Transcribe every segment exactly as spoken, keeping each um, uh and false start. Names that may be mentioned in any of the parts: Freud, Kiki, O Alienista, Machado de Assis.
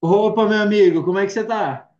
Opa, meu amigo, como é que você tá?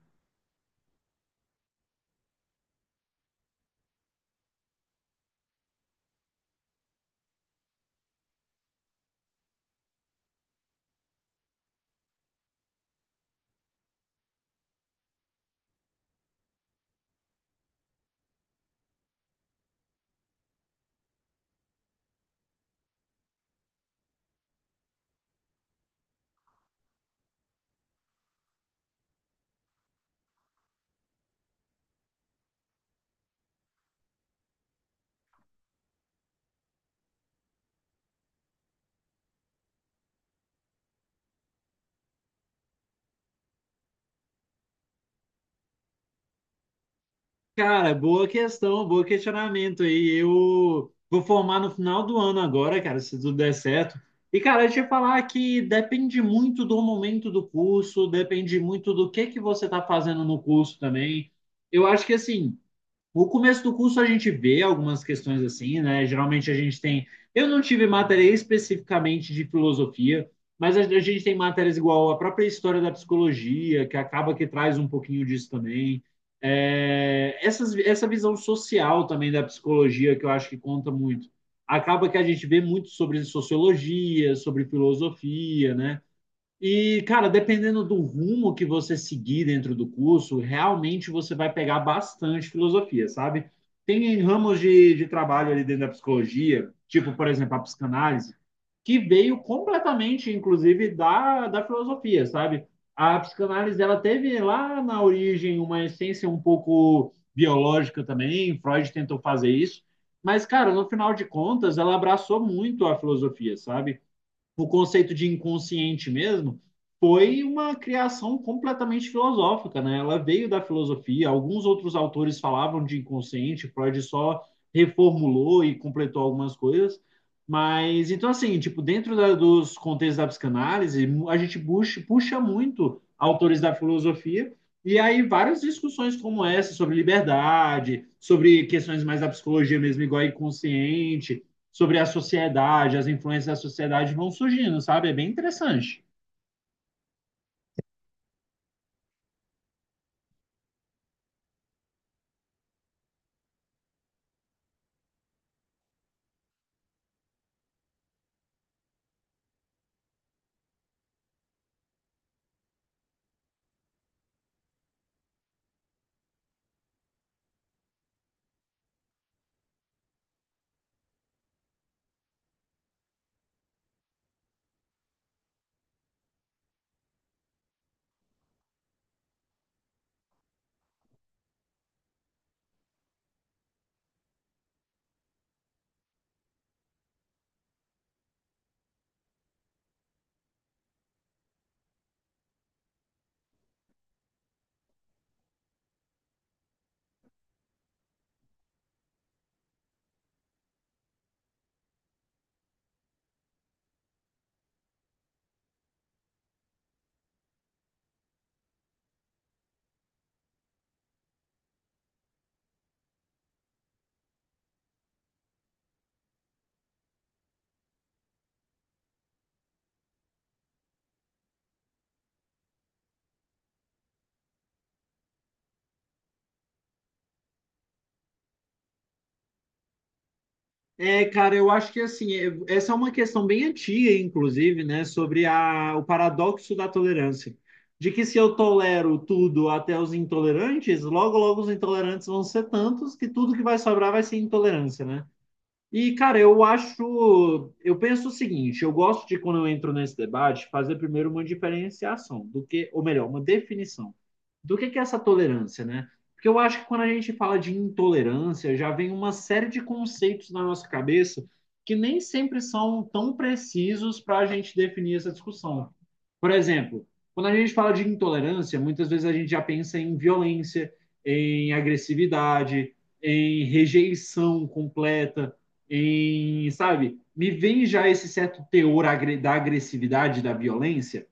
Cara, boa questão, bom questionamento aí. Eu vou formar no final do ano agora, cara, se tudo der certo. E, cara, deixa eu te falar que depende muito do momento do curso, depende muito do que que você tá fazendo no curso também. Eu acho que, assim, no começo do curso a gente vê algumas questões assim, né? Geralmente a gente tem. Eu não tive matéria especificamente de filosofia, mas a a gente tem matérias igual a própria história da psicologia, que acaba que traz um pouquinho disso também. É, essas, essa visão social também da psicologia, que eu acho que conta muito. Acaba que a gente vê muito sobre sociologia, sobre filosofia, né? E, cara, dependendo do rumo que você seguir dentro do curso, realmente você vai pegar bastante filosofia, sabe? Tem ramos de, de trabalho ali dentro da psicologia, tipo, por exemplo, a psicanálise, que veio completamente, inclusive, da, da filosofia, sabe? A psicanálise, ela teve lá na origem uma essência um pouco biológica também, Freud tentou fazer isso, mas, cara, no final de contas, ela abraçou muito a filosofia, sabe? O conceito de inconsciente mesmo foi uma criação completamente filosófica, né? Ela veio da filosofia. Alguns outros autores falavam de inconsciente, Freud só reformulou e completou algumas coisas. Mas então assim, tipo, dentro da- dos contextos da psicanálise, a gente puxa, puxa muito autores da filosofia e aí várias discussões como essa sobre liberdade, sobre questões mais da psicologia mesmo, igual inconsciente, sobre a sociedade, as influências da sociedade vão surgindo, sabe? É bem interessante. É, cara, eu acho que assim, é- essa é uma questão bem antiga, inclusive, né, sobre a, o paradoxo da tolerância. De que se eu tolero tudo até os intolerantes, logo, logo os intolerantes vão ser tantos que tudo que vai sobrar vai ser intolerância, né? E, cara, eu acho. Eu penso o seguinte: eu gosto de, quando eu entro nesse debate, fazer primeiro uma diferenciação do que, ou melhor, uma definição do que que é essa tolerância, né? Porque eu acho que quando a gente fala de intolerância, já vem uma série de conceitos na nossa cabeça que nem sempre são tão precisos para a gente definir essa discussão. Por exemplo, quando a gente fala de intolerância, muitas vezes a gente já pensa em violência, em agressividade, em rejeição completa em, sabe, me vem já esse certo teor da agressividade, da violência,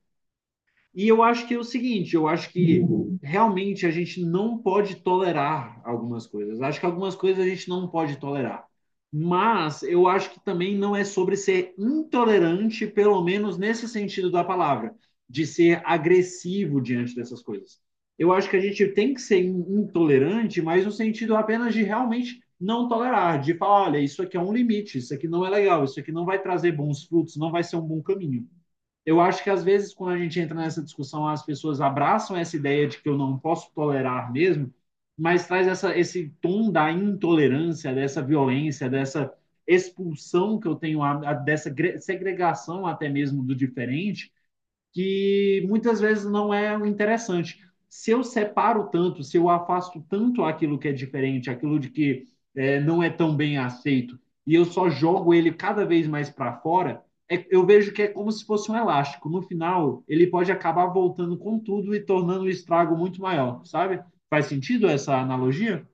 e eu acho que é o seguinte, eu acho que realmente a gente não pode tolerar algumas coisas. Acho que algumas coisas a gente não pode tolerar. Mas eu acho que também não é sobre ser intolerante, pelo menos nesse sentido da palavra, de ser agressivo diante dessas coisas. Eu acho que a gente tem que ser intolerante, mas no sentido apenas de realmente não tolerar, de falar, olha, isso aqui é um limite, isso aqui não é legal, isso aqui não vai trazer bons frutos, não vai ser um bom caminho. Eu acho que às vezes quando a gente entra nessa discussão, as pessoas abraçam essa ideia de que eu não posso tolerar mesmo, mas traz essa, esse tom da intolerância, dessa violência, dessa expulsão que eu tenho, a, a, dessa segregação até mesmo do diferente, que muitas vezes não é interessante. Se eu separo tanto, se eu afasto tanto aquilo que é diferente, aquilo de que é, não é tão bem aceito, e eu só jogo ele cada vez mais para fora, é, eu vejo que é como se fosse um elástico. No final, ele pode acabar voltando com tudo e tornando o estrago muito maior, sabe? Faz sentido essa analogia?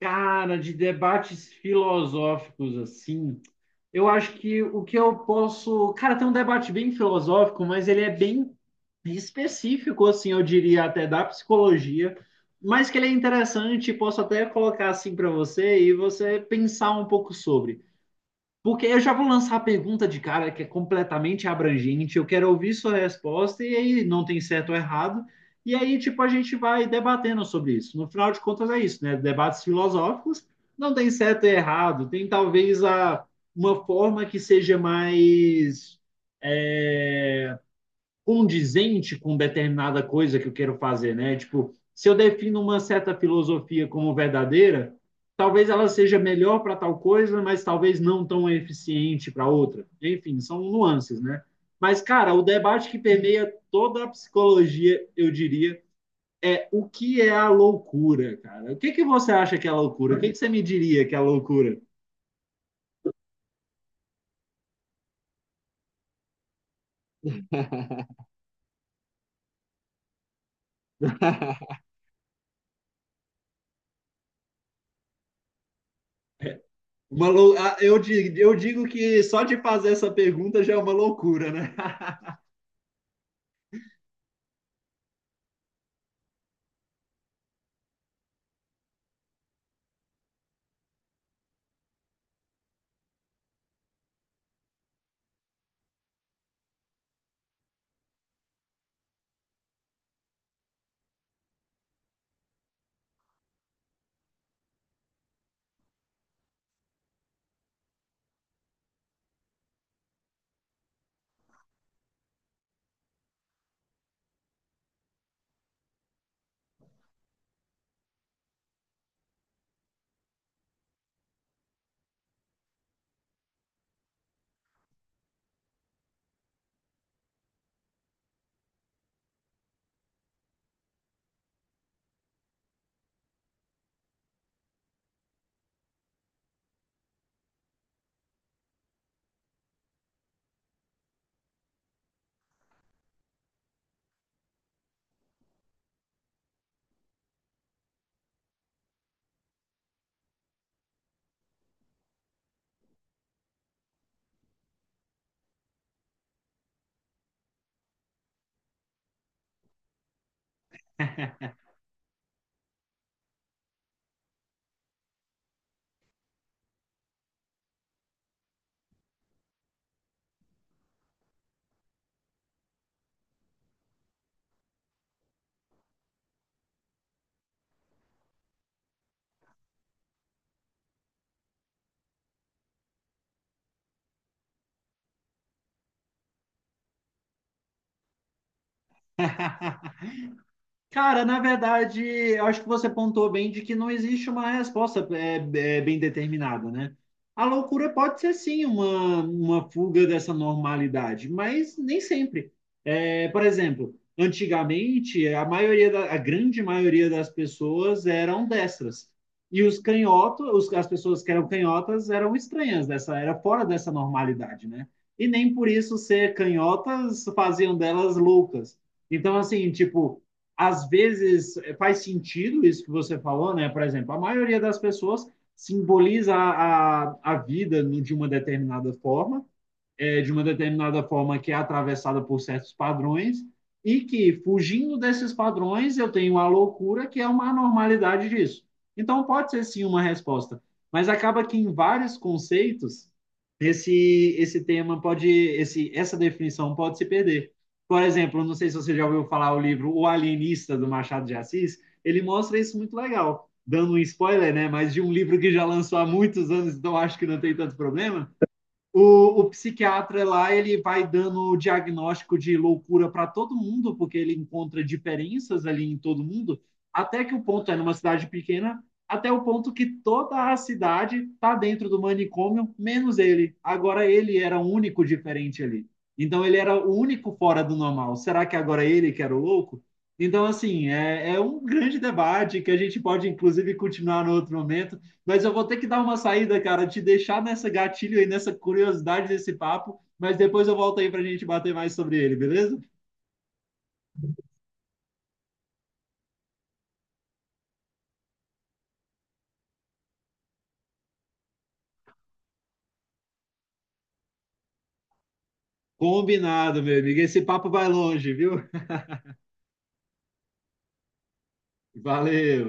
Cara, de debates filosóficos assim, eu acho que o que eu posso. Cara, tem um debate bem filosófico, mas ele é bem específico, assim, eu diria, até da psicologia, mas que ele é interessante, posso até colocar assim para você e você pensar um pouco sobre. Porque eu já vou lançar a pergunta de cara que é completamente abrangente. Eu quero ouvir sua resposta e aí não tem certo ou errado. E aí, tipo, a gente vai debatendo sobre isso. No final de contas, é isso, né? Debates filosóficos não tem certo e errado. Tem talvez a, uma forma que seja mais é, condizente com determinada coisa que eu quero fazer, né? Tipo, se eu defino uma certa filosofia como verdadeira, talvez ela seja melhor para tal coisa, mas talvez não tão eficiente para outra. Enfim, são nuances, né? Mas, cara, o debate que permeia toda a psicologia, eu diria, é o que é a loucura, cara? O que, que você acha que é a loucura? O que, que você me diria que é a loucura? Uma lou... eu, digo, eu digo que só de fazer essa pergunta já é uma loucura, né? Cara, na verdade, eu acho que você pontuou bem de que não existe uma resposta é, é, bem determinada, né? A loucura pode ser sim uma, uma fuga dessa normalidade, mas nem sempre. É, por exemplo, antigamente, a maioria da, a grande maioria das pessoas eram destras. E os canhotos, os- as pessoas que eram canhotas eram estranhas dessa, era fora dessa normalidade, né? E nem por isso ser canhotas faziam delas loucas. Então, assim, tipo às vezes é, faz sentido isso que você falou, né? Por exemplo, a maioria das pessoas simboliza a, a, vida de uma determinada forma, é, de uma determinada forma que é atravessada por certos padrões e que, fugindo desses padrões, eu tenho a loucura que é uma anormalidade disso. Então, pode ser sim uma resposta, mas acaba que em vários conceitos esse esse tema pode esse essa definição pode se perder. Por exemplo, não sei se você já ouviu falar o livro O Alienista do Machado de Assis, ele mostra isso muito legal, dando um spoiler, né, mas de um livro que já lançou há muitos anos, então acho que não tem tanto problema, o, o psiquiatra lá ele vai dando o diagnóstico de loucura para todo mundo, porque ele encontra diferenças ali em todo mundo, até que o ponto é numa cidade pequena, até o ponto que toda a cidade tá dentro do manicômio, menos ele. Agora ele era o único diferente ali. Então ele era o único fora do normal. Será que agora ele que era o louco? Então, assim, é, é um grande debate que a gente pode, inclusive, continuar no outro momento, mas eu vou ter que dar uma saída, cara, te deixar nessa gatilho aí, nessa curiosidade desse papo, mas depois eu volto aí para a gente bater mais sobre ele, beleza? Combinado, meu amigo. Esse papo vai longe, viu? Valeu!